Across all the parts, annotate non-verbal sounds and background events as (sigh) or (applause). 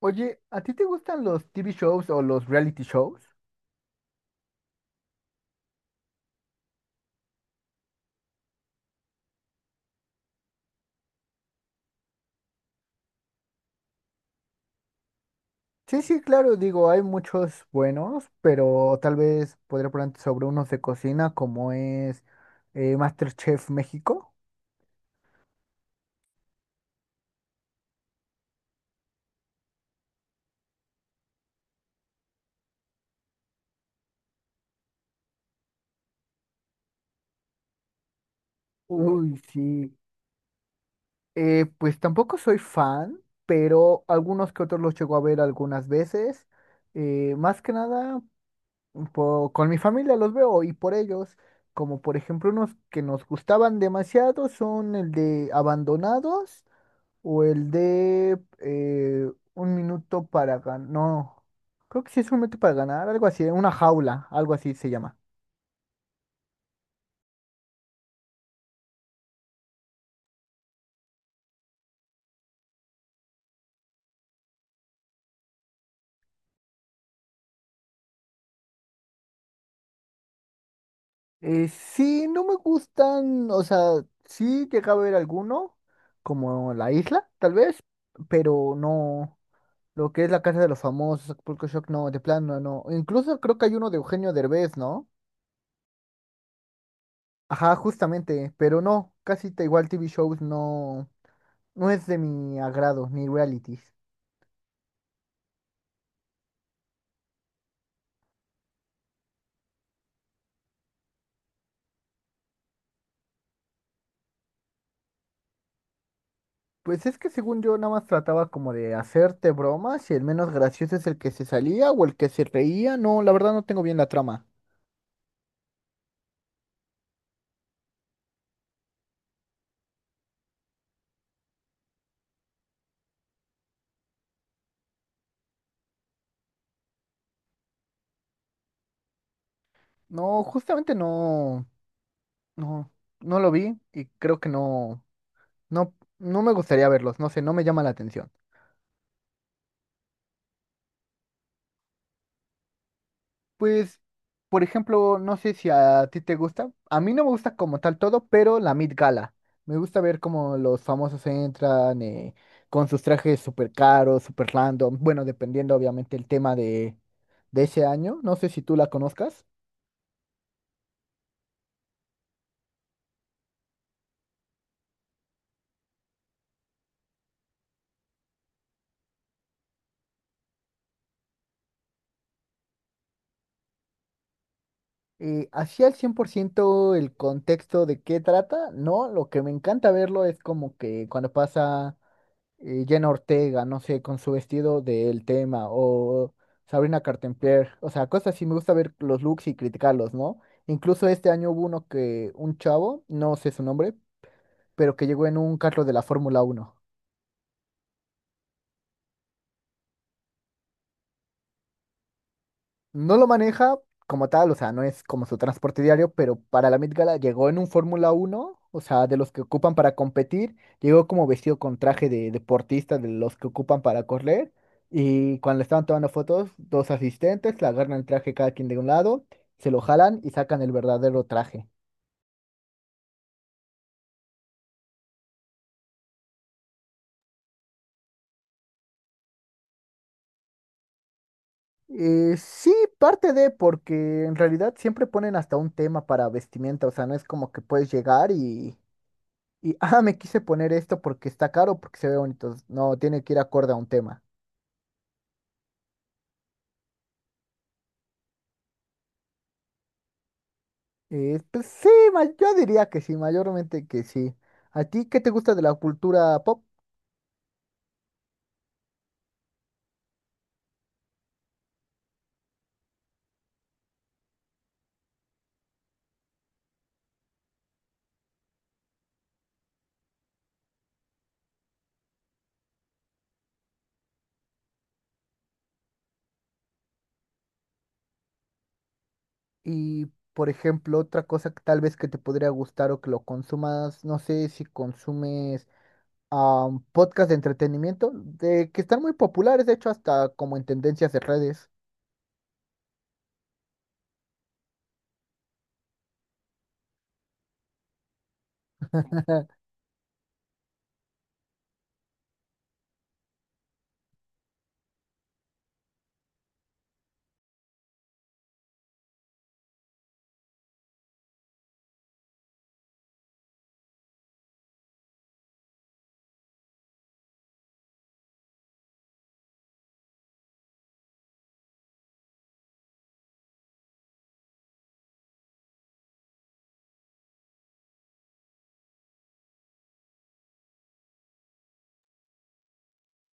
Oye, ¿a ti te gustan los TV shows o los reality shows? Sí, sí, claro, digo, hay muchos buenos, pero tal vez podría ponerte sobre unos de cocina como es MasterChef México. Uy, sí. Pues tampoco soy fan, pero algunos que otros los llego a ver algunas veces. Más que nada con mi familia los veo y por ellos, como por ejemplo unos que nos gustaban demasiado son el de Abandonados o el de Un minuto para ganar, no, creo que sí es un minuto para ganar, algo así, una jaula, algo así se llama. Sí, no me gustan, o sea, sí llegaba a ver alguno, como La Isla, tal vez, pero no, lo que es La Casa de los Famosos, Acapulco Shock, no, de plano, no. Incluso creo que hay uno de Eugenio Derbez, ¿no? Ajá, justamente, pero no, casi te igual TV shows no, no es de mi agrado, ni realities. Pues es que según yo nada más trataba como de hacerte bromas y el menos gracioso es el que se salía o el que se reía. No, la verdad no tengo bien la trama. No, justamente no, no, no lo vi y creo que no, no, no me gustaría verlos, no sé, no me llama la atención. Pues, por ejemplo, no sé si a ti te gusta. A mí no me gusta como tal todo, pero la Met Gala. Me gusta ver cómo los famosos entran con sus trajes súper caros, súper random. Bueno, dependiendo obviamente el tema de ese año. No sé si tú la conozcas. Así al 100% el contexto de qué trata, no. Lo que me encanta verlo es como que cuando pasa. Jenna Ortega, no sé, con su vestido del tema, o Sabrina Carpenter, o sea, cosas así, me gusta ver los looks y criticarlos, ¿no? Incluso este año hubo uno que, un chavo, no sé su nombre, pero que llegó en un carro de la Fórmula Uno. No lo maneja como tal, o sea, no es como su transporte diario, pero para la Met Gala llegó en un Fórmula uno, o sea, de los que ocupan para competir, llegó como vestido con traje de deportista, de los que ocupan para correr, y cuando le estaban tomando fotos, dos asistentes le agarran el traje cada quien de un lado, se lo jalan y sacan el verdadero traje. Sí, parte de, porque en realidad siempre ponen hasta un tema para vestimenta, o sea, no es como que puedes llegar y... Y, (laughs) ah, me quise poner esto porque está caro, porque se ve bonito. No, tiene que ir acorde a un tema. Pues sí, yo diría que sí, mayormente que sí. ¿A ti qué te gusta de la cultura pop? Y, por ejemplo, otra cosa que tal vez que te podría gustar o que lo consumas, no sé si consumes podcast de entretenimiento, de que están muy populares, de hecho, hasta como en tendencias de redes.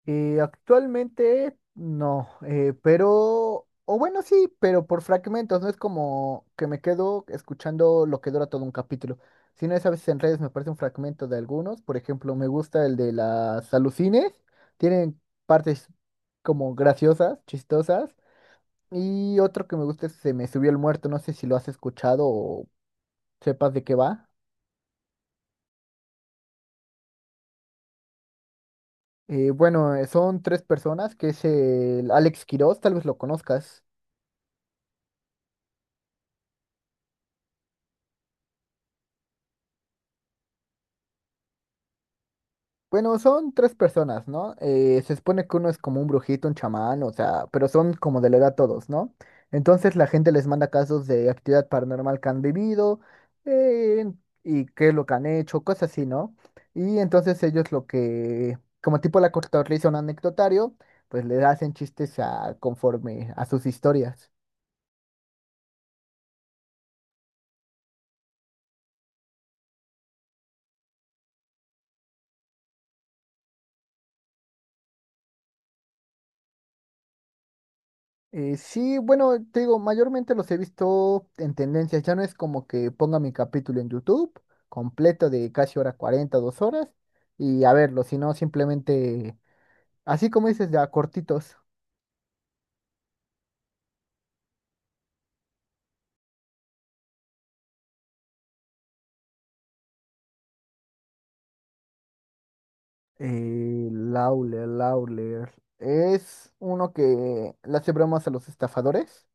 Actualmente no, pero, o bueno, sí, pero por fragmentos, no es como que me quedo escuchando lo que dura todo un capítulo, sino es a veces en redes me aparece un fragmento de algunos, por ejemplo, me gusta el de las alucines, tienen partes como graciosas, chistosas, y otro que me gusta es Se me subió el muerto, no sé si lo has escuchado o sepas de qué va. Bueno, son tres personas, que es el Alex Quiroz, tal vez lo conozcas. Bueno, son tres personas, ¿no? Se supone que uno es como un brujito, un chamán, o sea, pero son como de la edad todos, ¿no? Entonces la gente les manda casos de actividad paranormal que han vivido eh, y qué es lo que han hecho, cosas así, ¿no? Y entonces ellos lo que, como tipo la cortadora le hizo un anecdotario, pues le hacen chistes a, conforme a sus historias. Sí, bueno, te digo, mayormente los he visto en tendencias. Ya no es como que ponga mi capítulo en YouTube completo de casi hora 40 dos horas y a verlo, sino simplemente, así como dices, ya cortitos. Lawler, Lawler. Es uno que le hace bromas a los estafadores.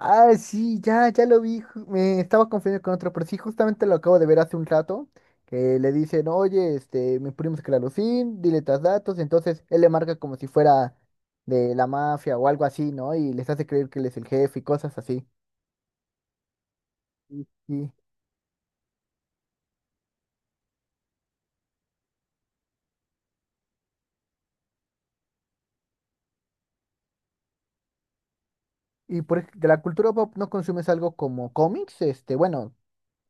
Ah, sí, ya, ya lo vi. Me estaba confundiendo con otro, pero sí, justamente lo acabo de ver hace un rato. Que le dicen, oye, este, mi primo es Clarosín, dile tus datos. Entonces él le marca como si fuera de la mafia o algo así, ¿no? Y les hace creer que él es el jefe y cosas así. Sí. Y de la cultura pop no consumes algo como cómics, este, bueno,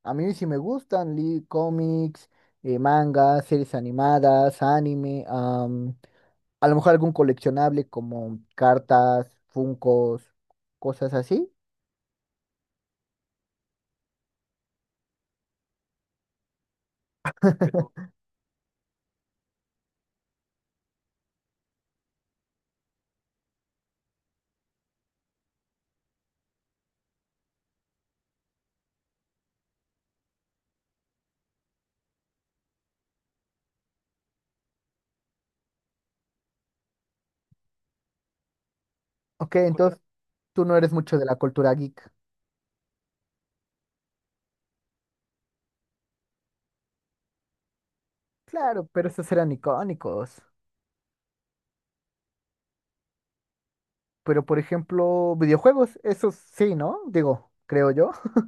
a mí sí me gustan, li cómics, mangas, series animadas, anime. A lo mejor algún coleccionable como cartas, funcos, cosas así. Ok, entonces tú no eres mucho de la cultura geek. Claro, pero esos eran icónicos. Pero por ejemplo, videojuegos, esos sí, ¿no? Digo, creo yo. (laughs)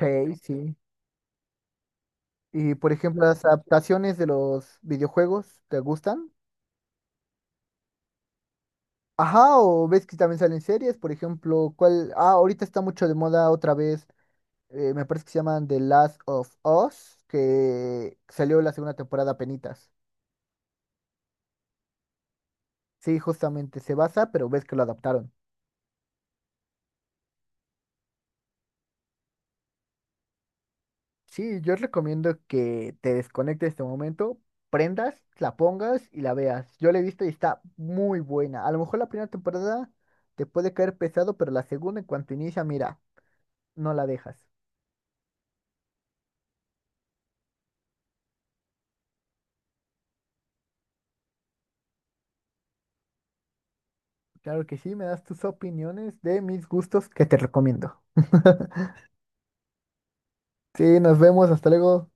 Sí, sí. Y por ejemplo, las adaptaciones de los videojuegos, ¿te gustan? Ajá, o ves que también salen series, por ejemplo, ¿cuál? Ah, ahorita está mucho de moda otra vez, me parece que se llaman The Last of Us, que salió la segunda temporada penitas. Sí, justamente se basa, pero ves que lo adaptaron. Sí, yo recomiendo que te desconectes de este momento, prendas, la pongas y la veas. Yo la he visto y está muy buena. A lo mejor la primera temporada te puede caer pesado, pero la segunda, en cuanto inicia, mira, no la dejas. Claro que sí, me das tus opiniones de mis gustos que te recomiendo. (laughs) Sí, nos vemos, hasta luego.